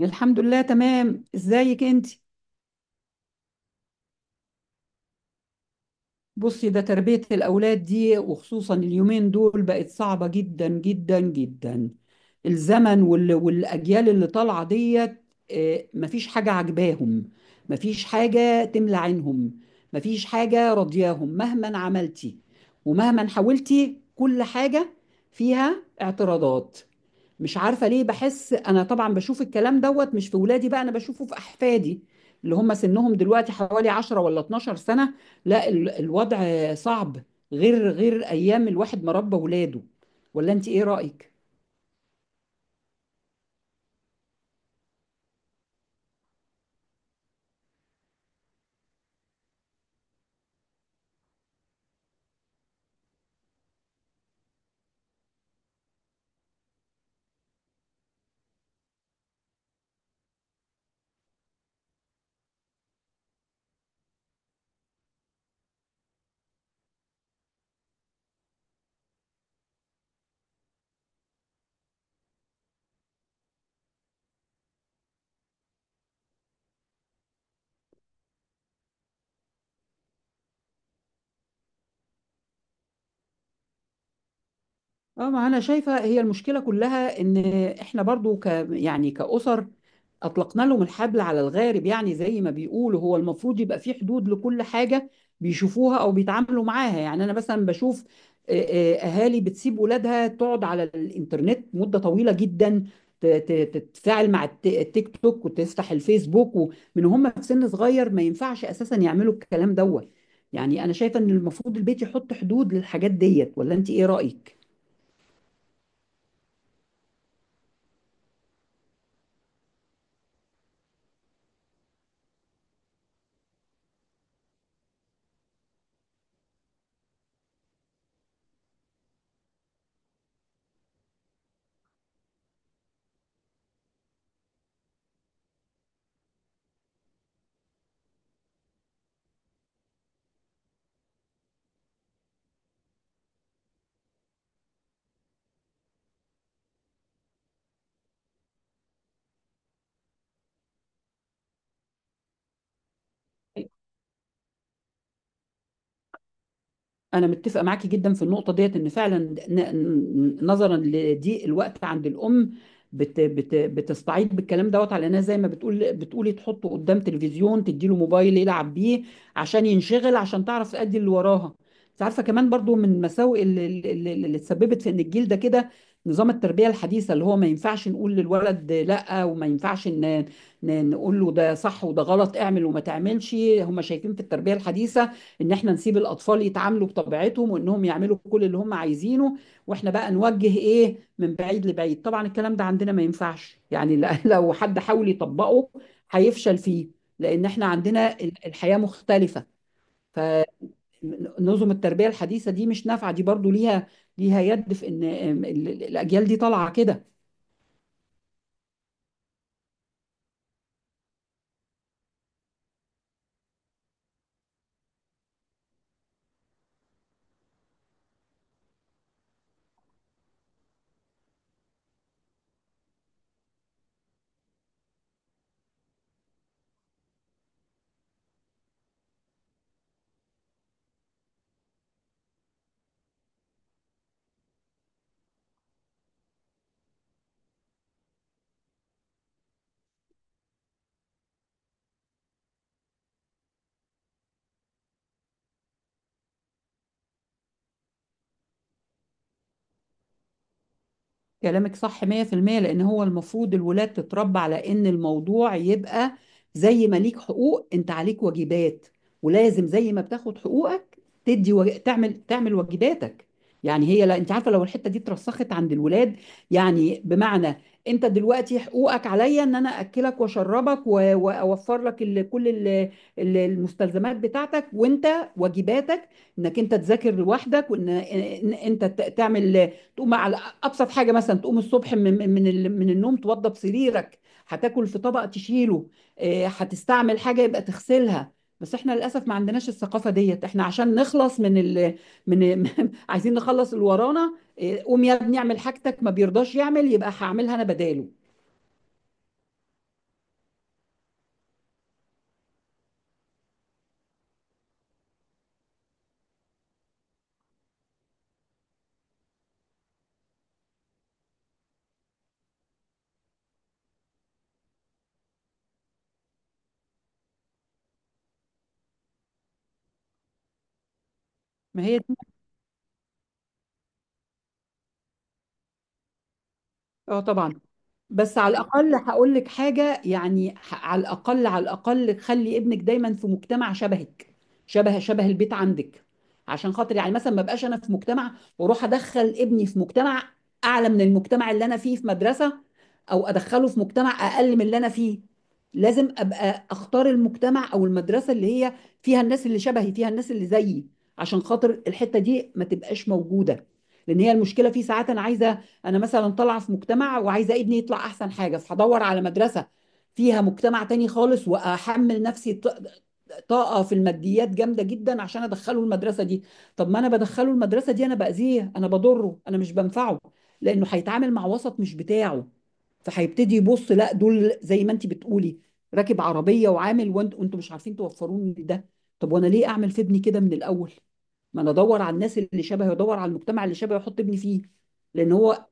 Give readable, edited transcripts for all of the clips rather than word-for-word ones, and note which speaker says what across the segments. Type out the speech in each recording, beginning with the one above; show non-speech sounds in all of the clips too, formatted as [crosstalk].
Speaker 1: الحمد لله تمام. ازيك انت؟ بصي، ده تربية الأولاد دي، وخصوصا اليومين دول، بقت صعبة جدا جدا جدا. الزمن والأجيال اللي طالعة ديت. مفيش حاجة عجباهم، مفيش حاجة تملى عينهم، مفيش حاجة راضياهم مهما عملتي ومهما حاولتي. كل حاجة فيها اعتراضات. مش عارفة ليه. بحس أنا طبعا بشوف الكلام دوت مش في ولادي، بقى أنا بشوفه في أحفادي اللي هم سنهم دلوقتي حوالي 10 ولا 12 سنة. لا، الوضع صعب، غير ايام الواحد ما ربى ولاده. ولا انت ايه رأيك؟ اه، ما انا شايفه، هي المشكله كلها ان احنا برضو ك، يعني كاسر، اطلقنا لهم الحبل على الغارب. يعني زي ما بيقولوا، هو المفروض يبقى في حدود لكل حاجه بيشوفوها او بيتعاملوا معاها. يعني انا مثلا بشوف آه، اهالي بتسيب ولادها تقعد على الانترنت مده طويله جدا، تتفاعل مع التيك توك وتفتح الفيسبوك، ومن هم في سن صغير ما ينفعش اساسا يعملوا الكلام دوت. يعني انا شايفه ان المفروض البيت يحط حدود للحاجات ديت. ولا انت ايه رايك؟ أنا متفقة معاكي جدا في النقطة ديت. إن فعلا نظرا لضيق الوقت عند الأم، بت بت بتستعيض بالكلام دوت، على إنها زي ما بتقول، بتقولي تحطه قدام تلفزيون، تديله موبايل يلعب بيه عشان ينشغل، عشان تعرف تأدي اللي وراها. أنت عارفة كمان برضو من المساوئ اللي اتسببت في إن الجيل ده كده، نظام التربية الحديثة، اللي هو ما ينفعش نقول للولد لأ، وما ينفعش نقول له ده صح وده غلط، اعمل وما تعملش. هم شايفين في التربية الحديثة ان احنا نسيب الاطفال يتعاملوا بطبيعتهم، وانهم يعملوا كل اللي هم عايزينه، واحنا بقى نوجه ايه من بعيد لبعيد. طبعا الكلام ده عندنا ما ينفعش، يعني [laughs] لو حد حاول يطبقه هيفشل فيه، لان احنا عندنا الحياة مختلفة. فنظم التربية الحديثة دي مش نافعة. دي برضو ليها، ليها يد في ان الاجيال دي طالعة كده. كلامك صح 100%. لان هو المفروض الولاد تتربى على ان الموضوع يبقى زي ما ليك حقوق، انت عليك واجبات، ولازم زي ما بتاخد حقوقك تعمل واجباتك. يعني هي، لا انت عارفه، لو الحته دي اترسخت عند الولاد، يعني بمعنى، انت دلوقتي حقوقك عليا ان انا اكلك واشربك واوفر لك كل المستلزمات بتاعتك، وانت واجباتك انك انت تذاكر لوحدك، انت تعمل، تقوم على ابسط حاجه، مثلا تقوم الصبح من من النوم توضب سريرك، هتاكل في طبق تشيله، هتستعمل حاجه يبقى تغسلها. بس احنا للاسف ما عندناش الثقافه ديت. احنا عشان نخلص من من [laughs] عايزين نخلص اللي ورانا. قوم يا ابني اعمل حاجتك، ما بيرضاش يعمل، يبقى هعملها انا بداله. ما هي دي. اه طبعا. بس على الأقل هقول لك حاجة، يعني على الأقل، على الأقل خلي ابنك دايما في مجتمع شبهك، شبه البيت عندك، عشان خاطر يعني مثلا، ما بقاش أنا في مجتمع وأروح أدخل ابني في مجتمع أعلى من المجتمع اللي أنا فيه في مدرسة، أو أدخله في مجتمع أقل من اللي أنا فيه. لازم أبقى أختار المجتمع أو المدرسة اللي هي فيها الناس اللي شبهي، فيها الناس اللي زيي، عشان خاطر الحتة دي ما تبقاش موجودة. لأن هي المشكلة في ساعات، أنا عايزة، انا مثلا طالعه في مجتمع، وعايزه ابني يطلع احسن حاجه، فهدور على مدرسه فيها مجتمع تاني خالص، واحمل نفسي طاقه في الماديات جامده جدا عشان ادخله المدرسه دي. طب ما انا بدخله المدرسه دي، انا باذيه، انا بضره، انا مش بنفعه، لانه هيتعامل مع وسط مش بتاعه. فهيبتدي يبص، لا دول زي ما انت بتقولي، راكب عربيه وعامل، وانتوا مش عارفين توفروني ده. طب وانا ليه اعمل في ابني كده من الاول؟ ما انا ادور على الناس اللي شبهي، وادور على المجتمع اللي شبهي، واحط ابني فيه، لان هو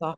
Speaker 1: صح.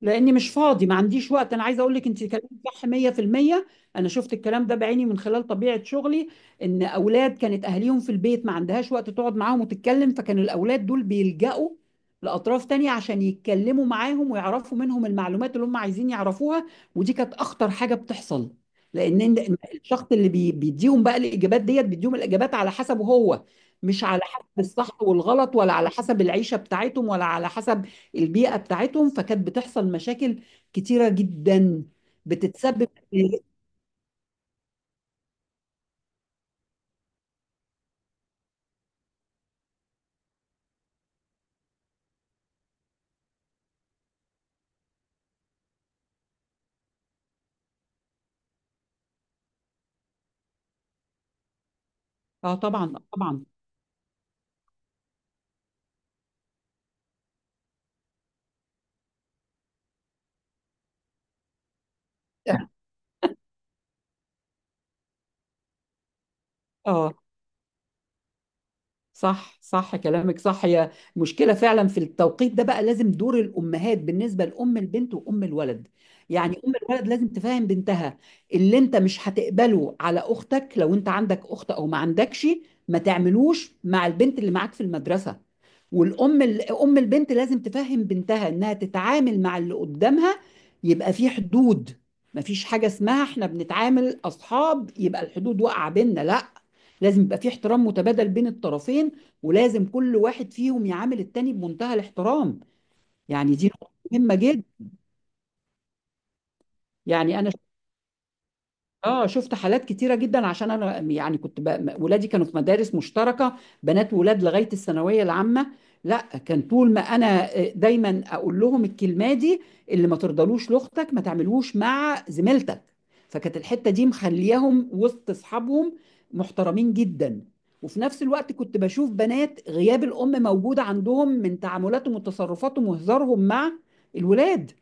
Speaker 1: لاني مش فاضي ما عنديش وقت. انا عايزه اقول لك، انت كلامك صح 100%. انا شفت الكلام ده بعيني من خلال طبيعه شغلي، ان اولاد كانت اهاليهم في البيت ما عندهاش وقت تقعد معاهم وتتكلم، فكانوا الاولاد دول بيلجأوا لاطراف تانية عشان يتكلموا معاهم ويعرفوا منهم المعلومات اللي هم عايزين يعرفوها. ودي كانت اخطر حاجه بتحصل، لان الشخص اللي بيديهم بقى الاجابات ديت، بيديهم الاجابات على حسبه هو، مش على حسب الصح والغلط، ولا على حسب العيشه بتاعتهم، ولا على حسب البيئة بتاعتهم. فكانت بتحصل مشاكل كتيرة جدا بتتسبب. اه طبعا طبعا. اه، صح صح، كلامك صح. هي مشكلة فعلا في التوقيت ده. بقى لازم دور الأمهات بالنسبة لأم البنت وأم الولد. يعني أم الولد لازم تفهم بنتها، اللي أنت مش هتقبله على أختك، لو أنت عندك أخت أو ما عندكش، ما تعملوش مع البنت اللي معاك في المدرسة. والأم أم البنت لازم تفهم بنتها إنها تتعامل مع اللي قدامها، يبقى في حدود، مفيش حاجة اسمها احنا بنتعامل أصحاب يبقى الحدود واقعة بينا، لا، لازم يبقى في احترام متبادل بين الطرفين، ولازم كل واحد فيهم يعامل التاني بمنتهى الاحترام. يعني دي نقطة مهمة جدا. يعني أنا اه شفت حالات كتيرة جدا، عشان انا يعني كنت ولادي كانوا في مدارس مشتركة بنات ولاد لغاية الثانوية العامة. لا، كان طول ما انا دايما اقول لهم الكلمة دي، اللي ما ترضلوش لاختك ما تعملوش مع زميلتك. فكانت الحتة دي مخلياهم وسط اصحابهم محترمين جدا. وفي نفس الوقت كنت بشوف بنات غياب الام موجود عندهم، من تعاملاتهم وتصرفاتهم وهزارهم مع الولاد.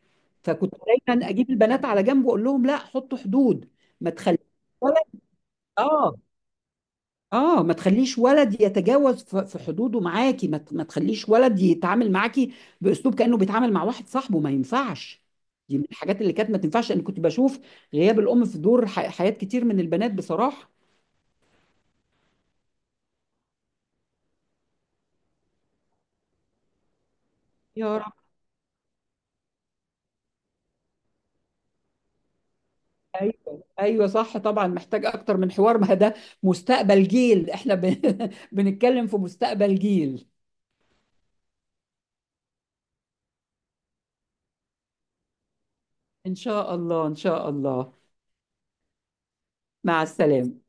Speaker 1: فكنت دايما اجيب البنات على جنب واقول لهم لا، حطوا حدود، ما تخليش ولد، اه، اه، ما تخليش ولد يتجاوز في حدوده معاكي، ما تخليش ولد يتعامل معاكي باسلوب كانه بيتعامل مع واحد صاحبه، ما ينفعش. دي من الحاجات اللي كانت ما تنفعش. انا كنت بشوف غياب الام في دور حياة كتير من البنات بصراحة. يا رب. ايوه ايوه، صح طبعا، محتاج اكتر من حوار. ما ده مستقبل جيل، احنا [laughs] بنتكلم في مستقبل جيل. ان شاء الله ان شاء الله. مع السلامة.